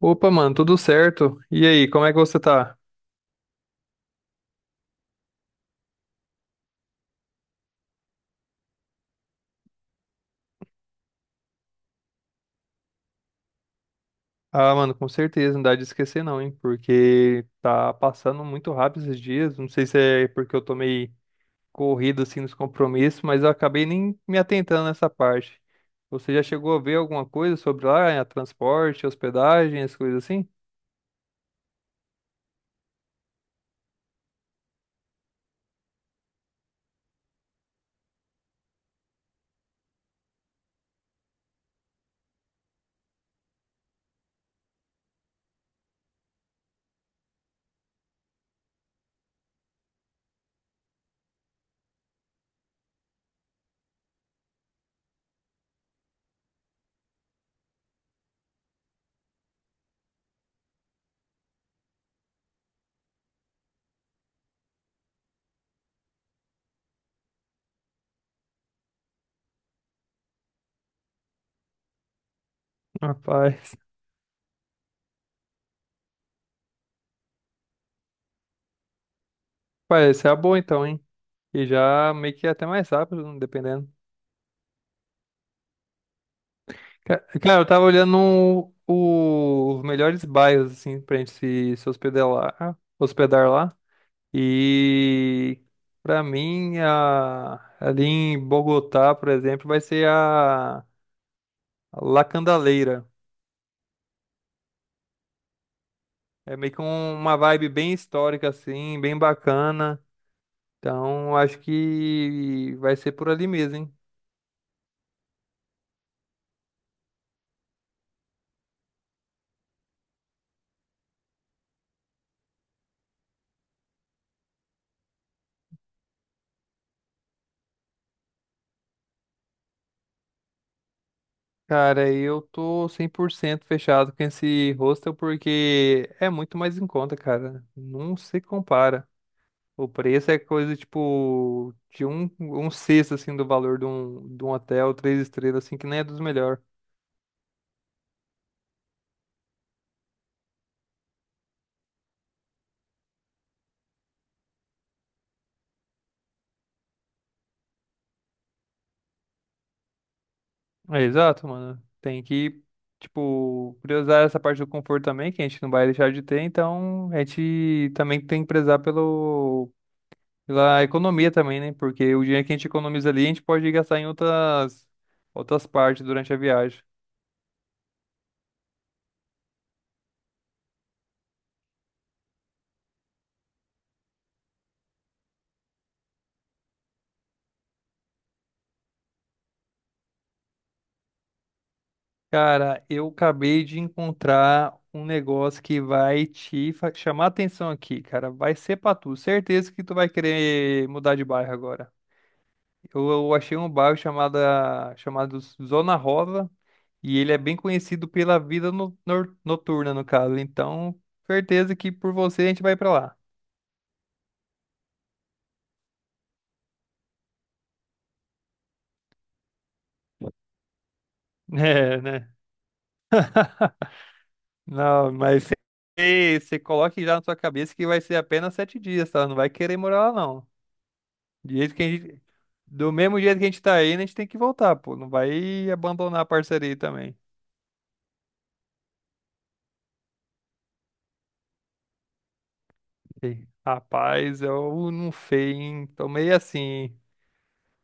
Opa, mano, tudo certo? E aí, como é que você tá? Ah, mano, com certeza, não dá de esquecer não, hein? Porque tá passando muito rápido esses dias. Não sei se é porque eu tô meio corrido assim nos compromissos, mas eu acabei nem me atentando nessa parte. Você já chegou a ver alguma coisa sobre lá, transporte, hospedagem, as coisas assim? Rapaz, parece ser a boa então, hein? E já meio que é até mais rápido, dependendo. Cara, eu tava olhando os melhores bairros, assim, pra gente se hospedar lá, hospedar lá. E pra mim, a- ali em Bogotá, por exemplo, vai ser a La Candaleira. É meio que um- uma vibe bem histórica, assim, bem bacana. Então, acho que vai ser por ali mesmo, hein? Cara, eu tô 100% fechado com esse hostel porque é muito mais em conta, cara. Não se compara. O preço é coisa, tipo, de um sexto, assim, do valor de de um hotel, 3 estrelas, assim, que nem é dos melhores. É, exato, mano. Tem que, tipo, priorizar essa parte do conforto também, que a gente não vai deixar de ter, então a gente também tem que prezar pela economia também, né? Porque o dinheiro que a gente economiza ali, a gente pode gastar em outras partes durante a viagem. Cara, eu acabei de encontrar um negócio que vai te chamar a atenção aqui, cara. Vai ser pra tu. Certeza que tu vai querer mudar de bairro agora. Eu achei um bairro chamado Zona Rosa e ele é bem conhecido pela vida noturna, no caso. Então, certeza que por você a gente vai pra lá. É, né? Não, mas você coloque já na sua cabeça que vai ser apenas 7 dias, tá? Não vai querer morar lá, não. Do jeito que a gente- do mesmo jeito que a gente tá indo, a gente tem que voltar, pô. Não vai abandonar a parceria também. Ei, Rapaz, eu não sei, hein? Tô meio assim, hein?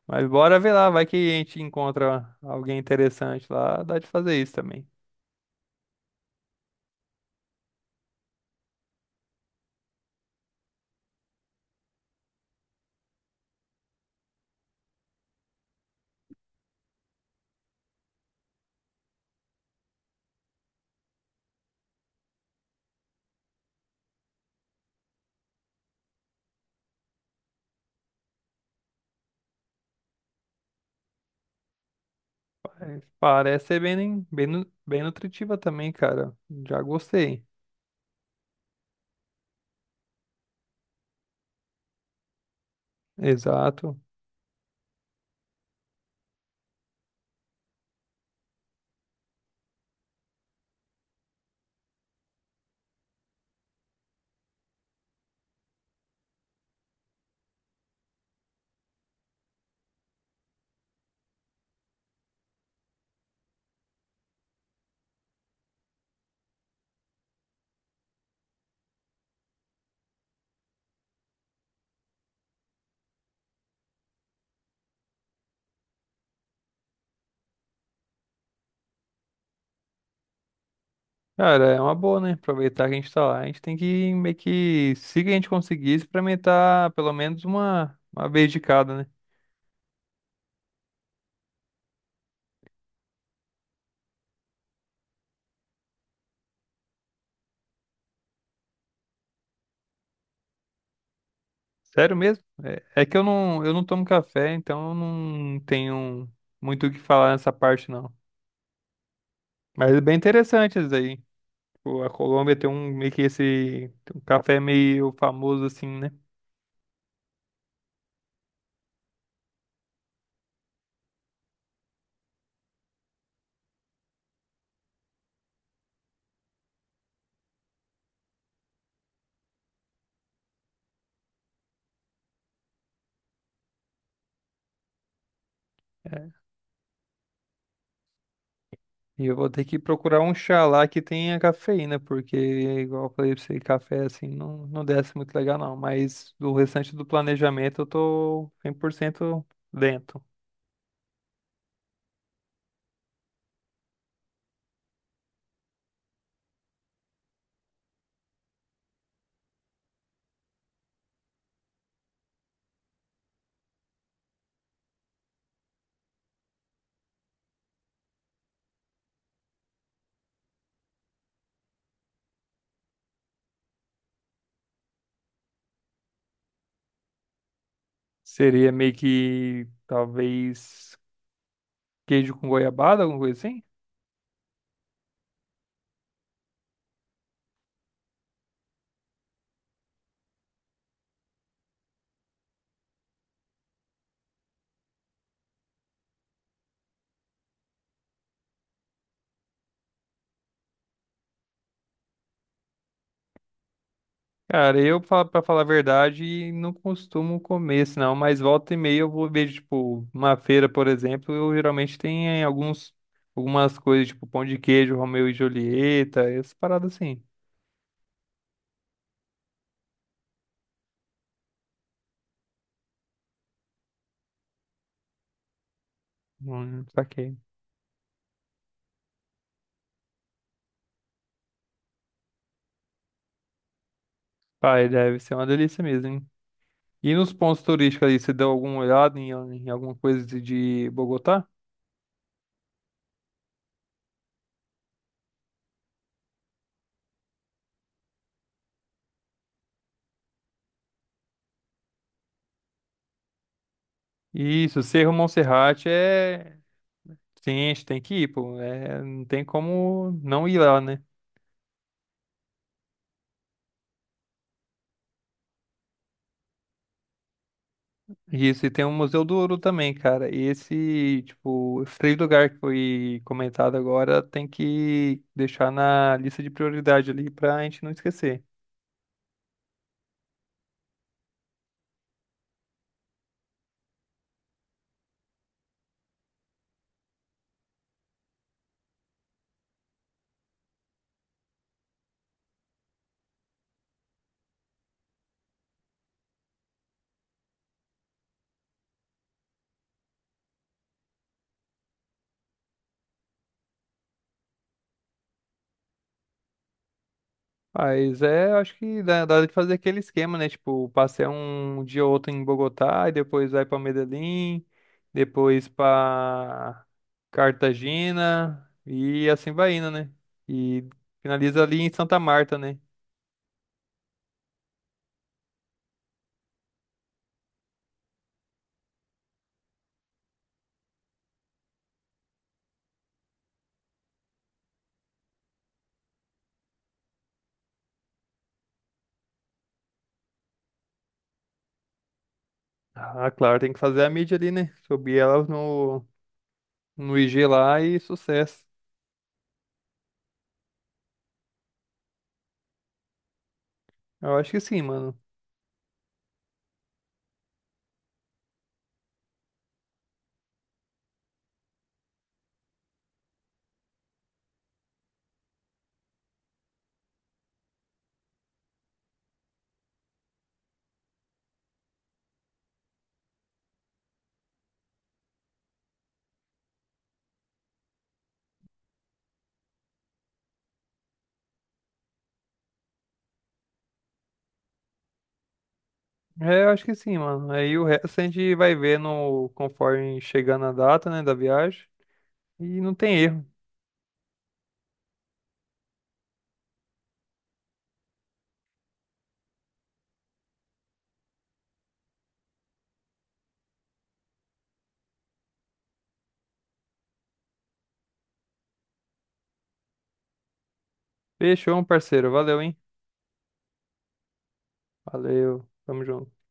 Mas bora ver lá, vai que a gente encontra alguém interessante lá, dá de fazer isso também. Mas parece ser bem, bem, bem nutritiva também, cara. Já gostei. Exato. Cara, é uma boa, né? Aproveitar que a gente tá lá. A gente tem que meio que, se a gente conseguir, experimentar pelo menos uma vez de cada, né? Sério mesmo? É, é que eu não tomo café, então eu não tenho muito o que falar nessa parte, não. Mas é bem interessante isso aí. Tipo, a Colômbia tem um meio que esse um café meio famoso assim, né? É. E eu vou ter que procurar um chá lá que tenha cafeína, porque, igual eu falei pra você, café assim não desce muito legal, não. Mas o restante do planejamento eu tô 100% dentro. Seria meio que, talvez, queijo com goiabada, alguma coisa assim? Cara, pra falar a verdade, não costumo comer, senão, mas volta e meia eu vou ver, tipo, uma feira, por exemplo, eu geralmente tenho algumas coisas, tipo, pão de queijo, Romeu e Julieta, essas paradas assim. Saquei. Pai, deve ser uma delícia mesmo, hein? E nos pontos turísticos aí, você deu alguma olhada em, em alguma coisa de Bogotá? Isso, Cerro Monserrate é. Sim, a gente tem que ir, pô. É, não tem como não ir lá, né? Isso, e tem o Museu do Ouro também, cara. E esse, tipo, esse três lugar que foi comentado agora tem que deixar na lista de prioridade ali pra gente não esquecer. Mas é, acho que dá, dá de fazer aquele esquema, né? Tipo, passei um dia ou outro em Bogotá e depois vai pra Medellín, depois pra Cartagena e assim vai indo, né? E finaliza ali em Santa Marta, né? Ah, claro, tem que fazer a mídia ali, né? Subir ela no IG lá e sucesso. Eu acho que sim, mano. É, eu acho que sim, mano. Aí o resto a gente vai ver no, conforme chegar na data, né, da viagem. E não tem erro. Fechou, parceiro. Valeu, hein? Valeu. Tamo junto.